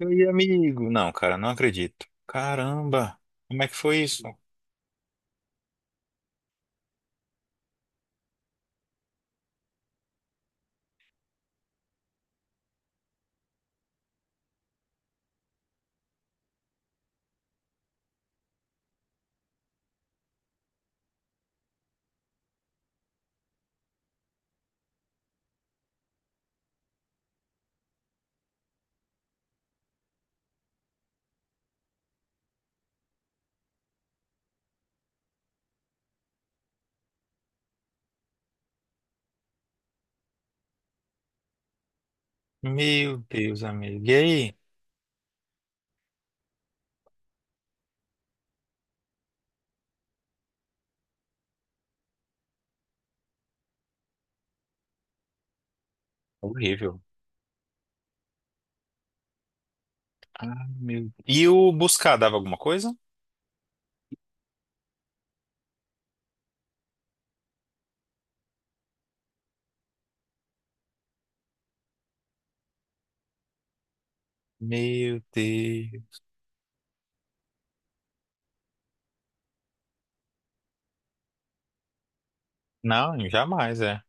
Oi, amigo. Não, cara, não acredito. Caramba, como é que foi isso? Meu Deus, amigo. E aí? Horrível. Ah, meu... E o buscar dava alguma coisa? Meu Deus. Não, jamais, é.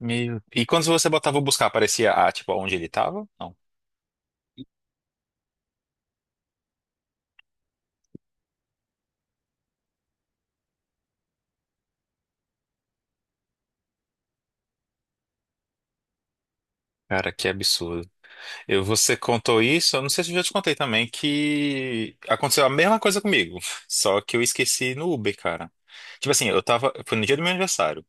Meu... E quando você botava o buscar, aparecia, ah, tipo, onde ele tava? Não. Cara, que absurdo. Você contou isso, eu não sei se eu já te contei também, que aconteceu a mesma coisa comigo, só que eu esqueci no Uber, cara. Tipo assim, foi no dia do meu aniversário.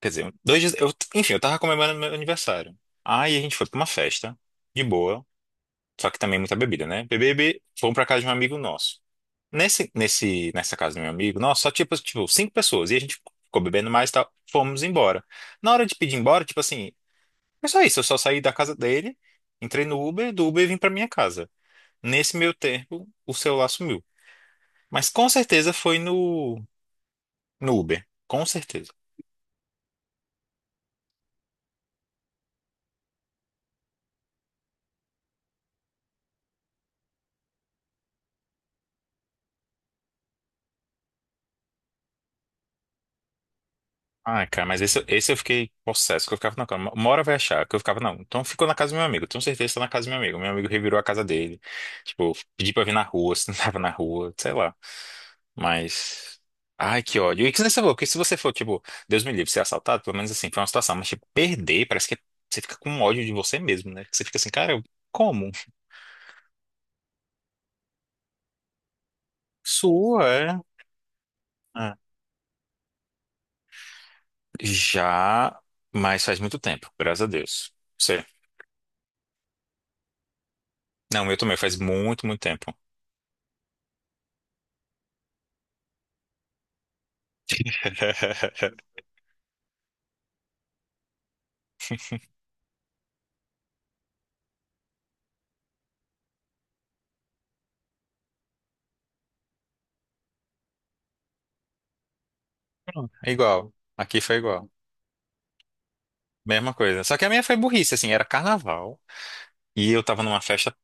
Quer dizer, dois dias. Enfim, eu tava comemorando meu aniversário. Aí a gente foi pra uma festa, de boa. Só que também muita bebida, né? Bebê, bebê, fomos pra casa de um amigo nosso. Nessa casa do meu amigo, nossa, só tipo, cinco pessoas. E a gente ficou bebendo mais e tal. Fomos embora. Na hora de pedir embora, tipo assim, é só isso. Eu só saí da casa dele, entrei no Uber, do Uber vim pra minha casa. Nesse meio tempo, o celular sumiu. Mas com certeza foi no Uber. Com certeza. Ai, cara, mas esse eu fiquei possesso, que eu ficava, não, cara, uma hora vai achar, que eu ficava, não, então ficou na casa do meu amigo, tenho certeza que tá na casa do meu amigo revirou a casa dele, tipo, pedi pra vir na rua, se não tava na rua, sei lá, mas, ai, que ódio, e que nem você falou, que se você for, tipo, Deus me livre, ser assaltado, pelo menos assim, foi uma situação, mas, tipo, perder, parece que você fica com ódio de você mesmo, né, que você fica assim, cara, como? Sua, é? Ah. Já, mas faz muito tempo, graças a Deus, você... Não, eu também, faz muito, muito tempo. É igual. Aqui foi igual. Mesma coisa. Só que a minha foi burrice, assim, era carnaval. E eu tava numa festa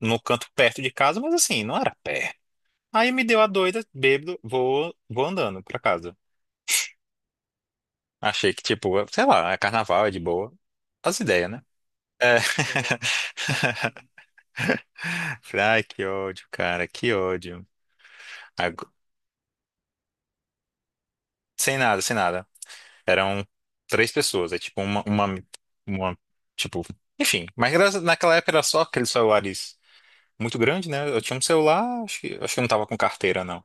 no canto perto de casa, mas assim, não era perto. Aí me deu a doida, bêbado, vou, vou andando pra casa. Achei que, tipo, sei lá, é carnaval, é de boa. As ideias, né? É. Falei, ai, que ódio, cara, que ódio. Agu- Sem nada, sem nada. Eram três pessoas, é tipo uma, tipo, enfim. Mas naquela época era só aqueles celulares. Muito grande, né? Eu tinha um celular, acho que eu não tava com carteira, não.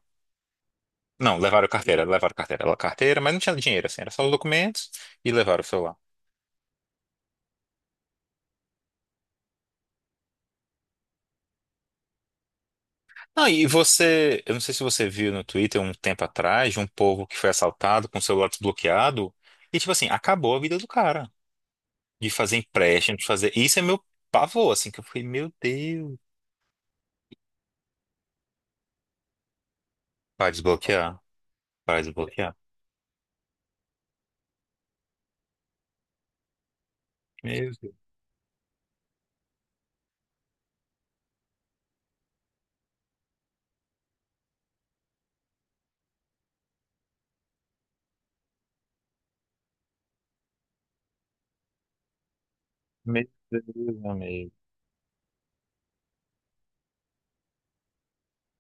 Não, levaram carteira, levaram carteira, levaram carteira, mas não tinha dinheiro, assim, era só os documentos e levaram o celular. Não, e você, eu não sei se você viu no Twitter um tempo atrás de um povo que foi assaltado com o celular desbloqueado e, tipo assim, acabou a vida do cara. De fazer empréstimo, de fazer. Isso é meu pavor, assim, que eu fui meu Deus, vai desbloquear, vai desbloquear. Meu Deus, meu Deus, amigo.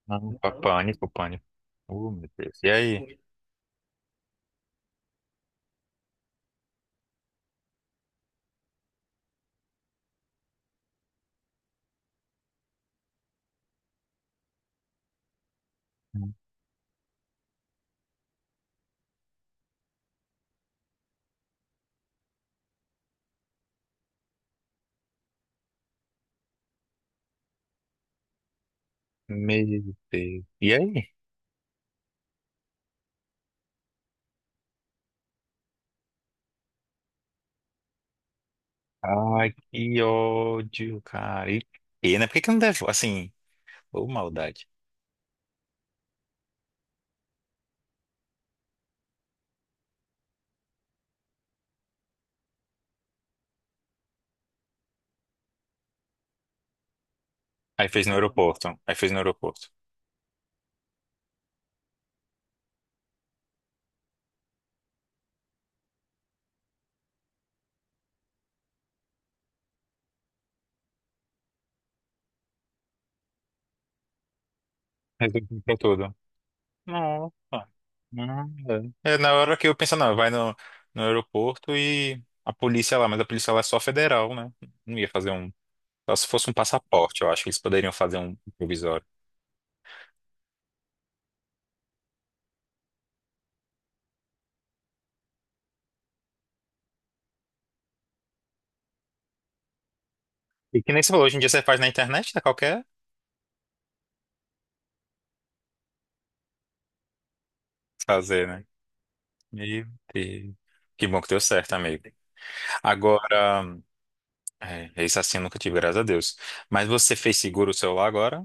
Não, pânico, pânico. Oh, meu Deus. E aí? Meu Deus. E aí? Ai, que ódio, cara. E né? Por que que não deve? Assim, ô maldade. Aí fez no aeroporto. Aí fez no aeroporto. Resolvi pra tudo. Nossa. Nada. É, na hora que eu penso, não, vai no aeroporto e a polícia lá, mas a polícia lá é só federal, né? Não ia fazer um. Só se fosse um passaporte, eu acho que eles poderiam fazer um provisório. E que nem você falou, hoje em dia você faz na internet, tá? Qualquer fazer, né? Meu Deus. Que bom que deu certo, amigo. Agora, é, esse assim eu nunca tive, graças a Deus. Mas você fez seguro o celular agora?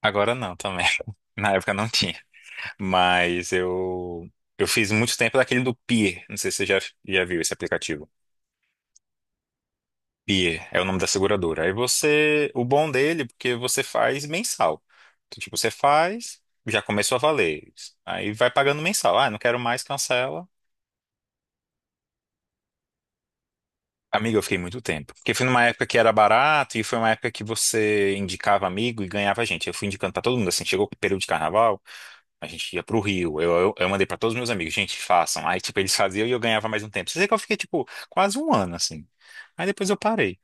Agora não também. Na época não tinha. Mas eu fiz muito tempo daquele do Pier. Não sei se você já viu esse aplicativo. Pier é o nome da seguradora. Aí você, o bom dele, porque você faz mensal. Então, tipo, você faz, já começou a valer. Aí vai pagando mensal. Ah, não quero mais, cancela. Amigo, eu fiquei muito tempo. Porque foi numa época que era barato e foi uma época que você indicava amigo e ganhava gente. Eu fui indicando pra todo mundo, assim, chegou o período de carnaval, a gente ia pro Rio. Eu mandei pra todos os meus amigos, gente, façam. Aí, tipo, eles faziam e eu ganhava mais um tempo. Você que eu fiquei, tipo, quase um ano, assim. Aí depois eu parei.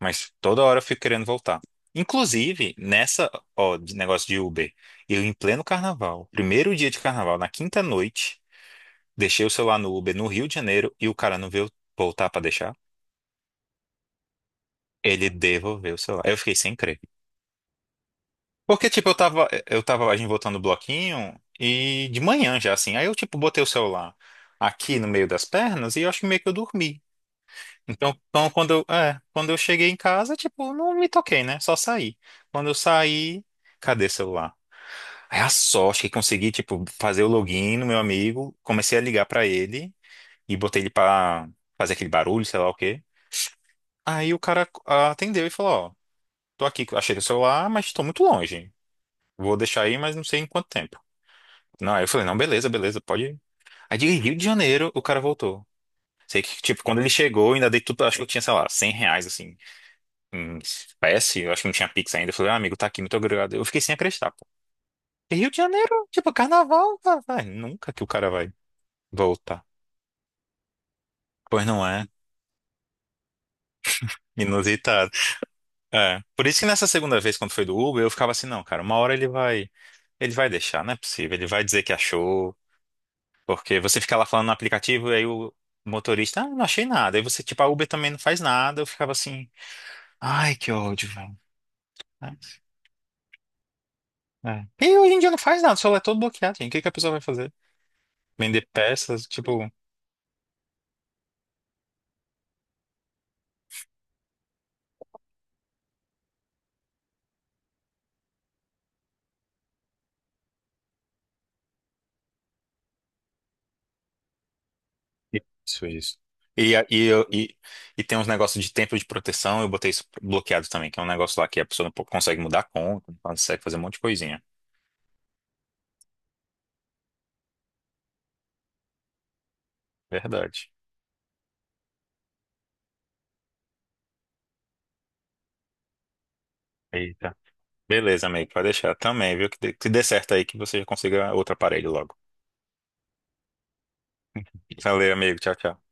Mas toda hora eu fico querendo voltar. Inclusive, nessa, ó, de negócio de Uber, eu em pleno carnaval, primeiro dia de carnaval, na quinta noite, deixei o celular no Uber no Rio de Janeiro e o cara não veio voltar pra deixar. Ele devolveu o celular. Eu fiquei sem crer. Porque, tipo, eu tava a gente voltando o bloquinho e de manhã já, assim. Aí eu, tipo, botei o celular aqui no meio das pernas e eu acho que meio que eu dormi. Então, quando eu, é, quando eu cheguei em casa, tipo, não me toquei, né? Só saí. Quando eu saí, cadê o celular? Aí a sorte que consegui, tipo, fazer o login no meu amigo, comecei a ligar pra ele e botei ele pra fazer aquele barulho, sei lá o quê. Aí o cara ah, atendeu e falou, ó, tô aqui, achei o celular, mas tô muito longe. Vou deixar aí, mas não sei em quanto tempo. Não, aí eu falei, não, beleza, beleza, pode ir. Aí de Rio de Janeiro, o cara voltou. Sei que, tipo, quando ele chegou, eu ainda dei tudo, acho que eu tinha, sei lá, R$ 100, assim, em espécie, eu acho que não tinha Pix ainda. Eu falei, ah, amigo, tá aqui, muito obrigado. Eu fiquei sem acreditar, pô. E Rio de Janeiro, tipo, carnaval, vai, vai, nunca que o cara vai voltar. Pois não é? Inusitado. É. Por isso que nessa segunda vez, quando foi do Uber, eu ficava assim, não, cara, uma hora ele vai deixar, não é possível, ele vai dizer que achou. Porque você fica lá falando no aplicativo e aí o motorista, ah, não achei nada. Aí você, tipo, a Uber também não faz nada. Eu ficava assim, ai, que ódio, velho. É. É. E hoje em dia não faz nada, o celular é todo bloqueado, gente. O que que a pessoa vai fazer? Vender peças, tipo. Isso, isso. E, a- e, eu- e, e tem uns negócios de tempo de proteção, eu botei isso bloqueado também, que é um negócio lá que a pessoa não consegue mudar a conta, não consegue fazer um monte de coisinha. Verdade. Eita. Beleza, amigo, pode deixar também, viu? Que dê certo aí, que você já consiga outro aparelho logo. Valeu, amigo. Tchau, tchau.